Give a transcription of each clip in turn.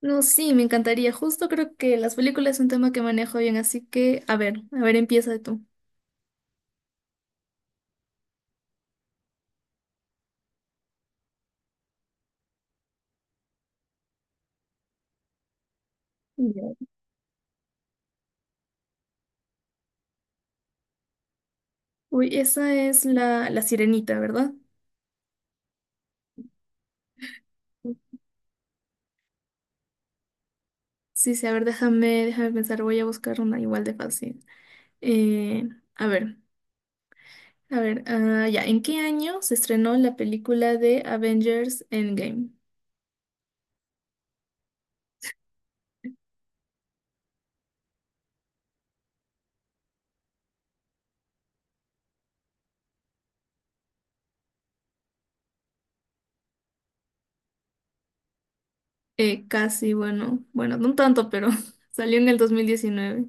No, sí, me encantaría. Justo creo que las películas es un tema que manejo bien, así que, a ver, empieza tú. Ya. Uy, esa es la sirenita, ¿verdad? Sí, sí, a ver, déjame pensar, voy a buscar una igual de fácil. Eh, a ver, a ver, ah, ya, ¿en qué año se estrenó la película de Avengers Endgame? Casi, bueno, bueno, no tanto, pero salió en el 2019.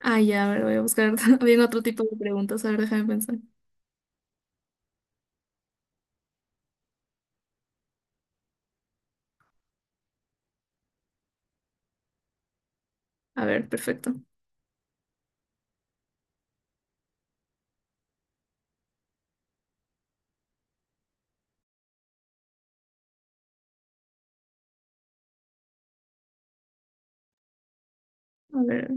Ah, ya, a ver, voy a buscar bien otro tipo de preguntas, a ver, déjame pensar. A ver, perfecto. A ver.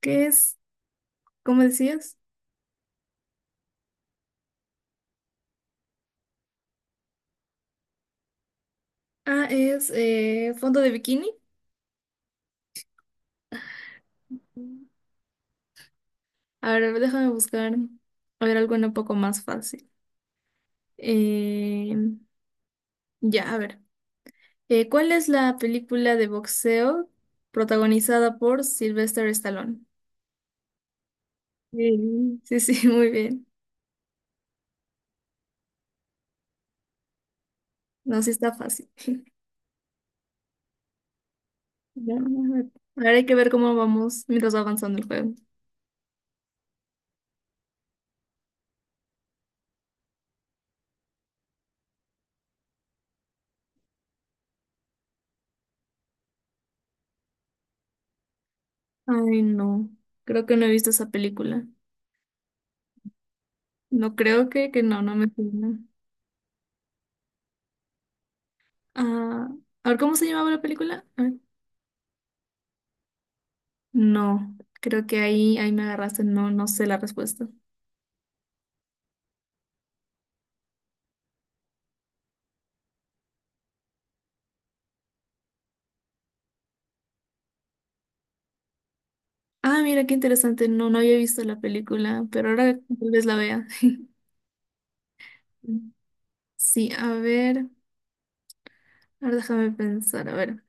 ¿Qué es? ¿Cómo decías? Ah, es fondo de bikini. A ver, déjame buscar. A ver, algo un poco más fácil. Eh, ya, a ver. ¿Cuál es la película de boxeo protagonizada por Sylvester Stallone? Sí, sí, sí, muy bien. No, sí está fácil. Ya, a ver, ahora hay que ver cómo vamos mientras va avanzando el juego. Ay, no. Creo que no he visto esa película. No creo que no, no me suena. Ah, a ver, ¿cómo se llamaba la película? A ver. No, creo que ahí me agarraste, no, no sé la respuesta. Ah, mira, qué interesante, no, no había visto la película, pero ahora tal vez la vea. Sí, a ver, ahora déjame pensar, a ver.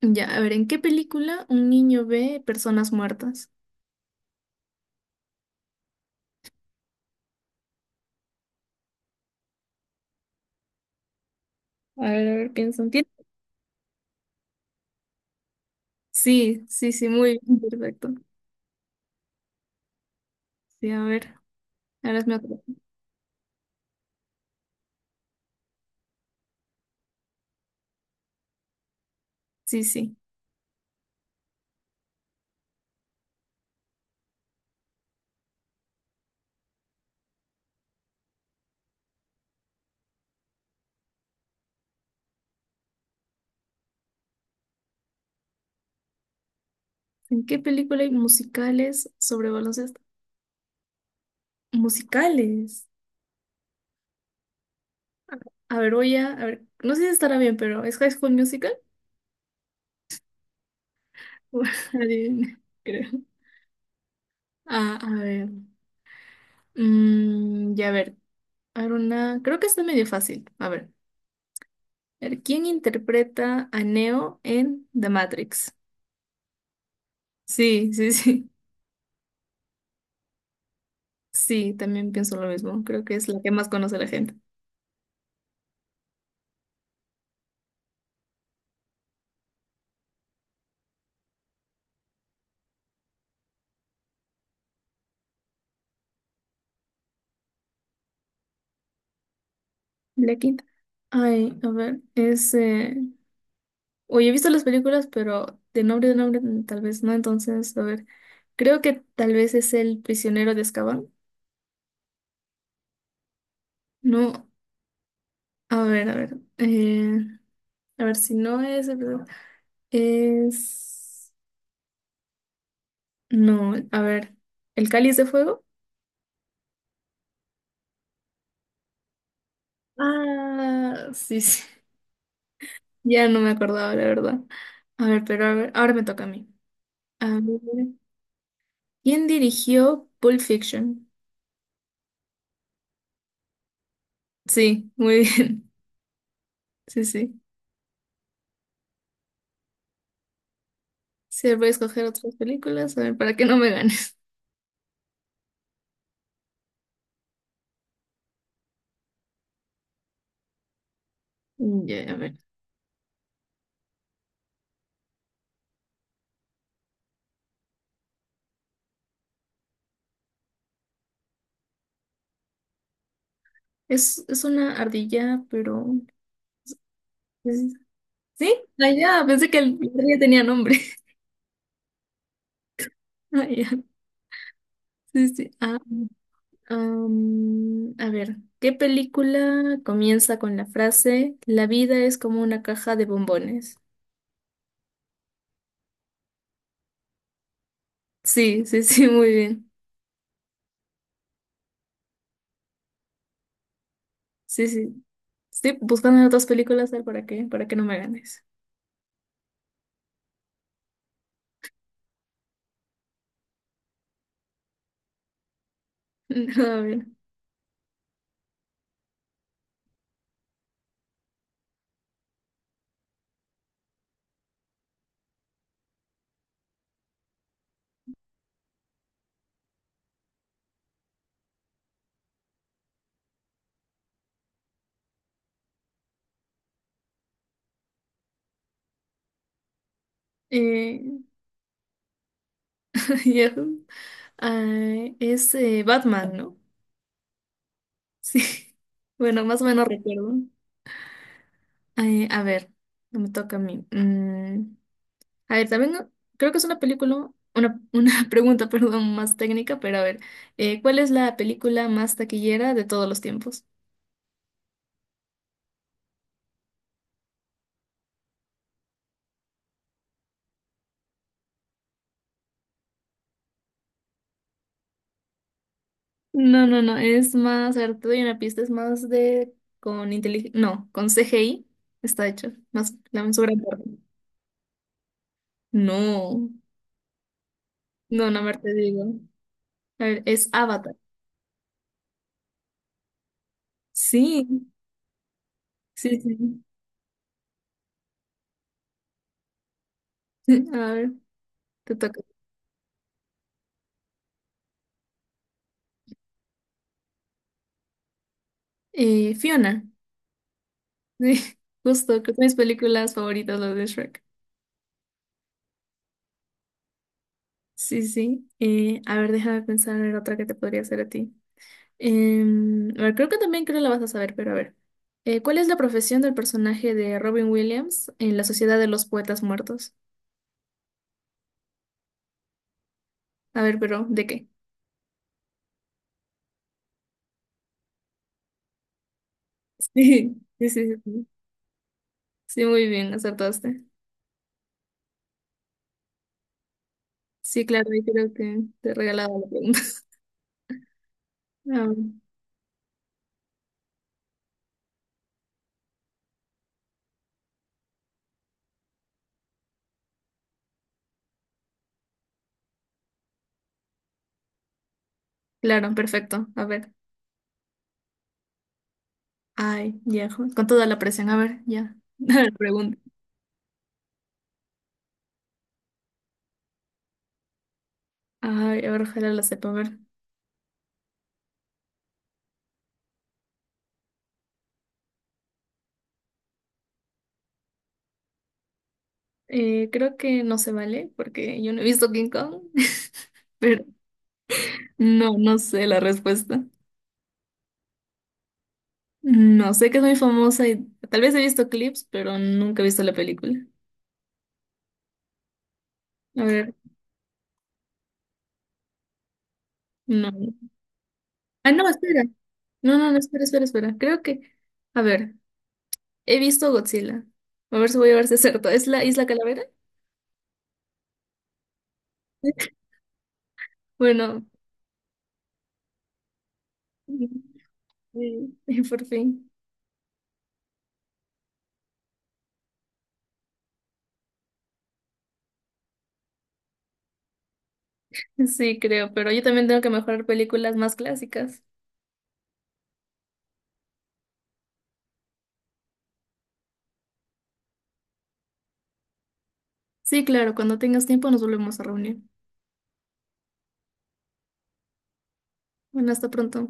Ya, a ver, ¿en qué película un niño ve personas muertas? A ver, piensa. ¿Tien- Sí, sí, sí, muy bien, perfecto. Sí, a ver, ahora es mi otro. Sí, sí. ¿En qué película hay musicales sobre baloncesto? Musicales. A ver, voy a ver, no sé si estará bien, pero ¿es High School Musical? Adivina, creo. Ah, a ver. Ya, a ver. A ver, una. Creo que está medio fácil. A ver. A ver, ¿quién interpreta a Neo en The Matrix? Sí, sí, sí. Sí, también pienso lo mismo. Creo que es la que más conoce la gente. La quinta. Ay, a ver, es. Oye, he visto las películas, pero de nombre tal vez no. Entonces, a ver. Creo que tal vez es el prisionero de Azkaban. No. A ver, a ver. A ver si no es el Blue- Es. No, a ver. ¿El cáliz de fuego? Ah, sí, sí. Ya no me acordaba, la verdad. A ver, pero a ver, ahora me toca a mí. A ver. ¿Quién dirigió Pulp Fiction? Sí, muy bien. Sí, sí. Sí, voy a escoger otras películas, a ver, para que no me ganes. Ya, a ver. Es una ardilla, pero. ¿Sí? ¿Sí? Ah, ya, pensé que el- la ardilla tenía nombre. Ah, ya. Sí, sí. Ah, a ver, ¿qué película comienza con la frase la vida es como una caja de bombones? Sí, sí, sí, muy bien. Sí, sí. Estoy buscando en otras películas a ver, para qué, para que no me ganes. A ver. eh, ya, ah, es Batman, ¿no? Sí. Bueno, más o menos recuerdo. A ver, me toca a mí. A ver, también no, creo que es una película, una pregunta, perdón, más técnica, pero a ver, ¿cuál es la película más taquillera de todos los tiempos? No, no, no, es más, a ver, te doy una pista, es más de con inteligencia, no, con CGI está hecho, más la su gran. No, no, no, a ver, te digo. A ver, es Avatar. Sí, sí, sí. A ver, te toca. Fiona. Sí, justo, creo que es mis películas favoritas, las de Shrek. Sí, sí. A ver, déjame pensar en otra que te podría hacer a ti. A ver, creo que también creo la vas a saber, pero a ver. ¿Cuál es la profesión del personaje de Robin Williams en La Sociedad de los Poetas Muertos? A ver, pero ¿de qué? Sí, sí, sí, sí. Sí, muy bien, acertaste. Sí, claro, ahí creo que te he regalado la pregunta. Ah, claro, perfecto. A ver. Ay, ya, jo- con toda la presión. A ver, ya. A ver, pregunta. Ay, a ver, ojalá la sepa. A ver. Creo que no se vale porque yo no he visto King Kong, pero no, no sé la respuesta. No, sé que es muy famosa y tal vez he visto clips, pero nunca he visto la película. A ver, no. Ah, no, espera. No, no, no, espera, espera, espera. Creo que, a ver, he visto Godzilla. A ver si voy a verse cierto. ¿Es la Isla Calavera? Bueno, sí, por fin. Sí, creo, pero yo también tengo que mejorar películas más clásicas. Sí, claro, cuando tengas tiempo nos volvemos a reunir. Bueno, hasta pronto.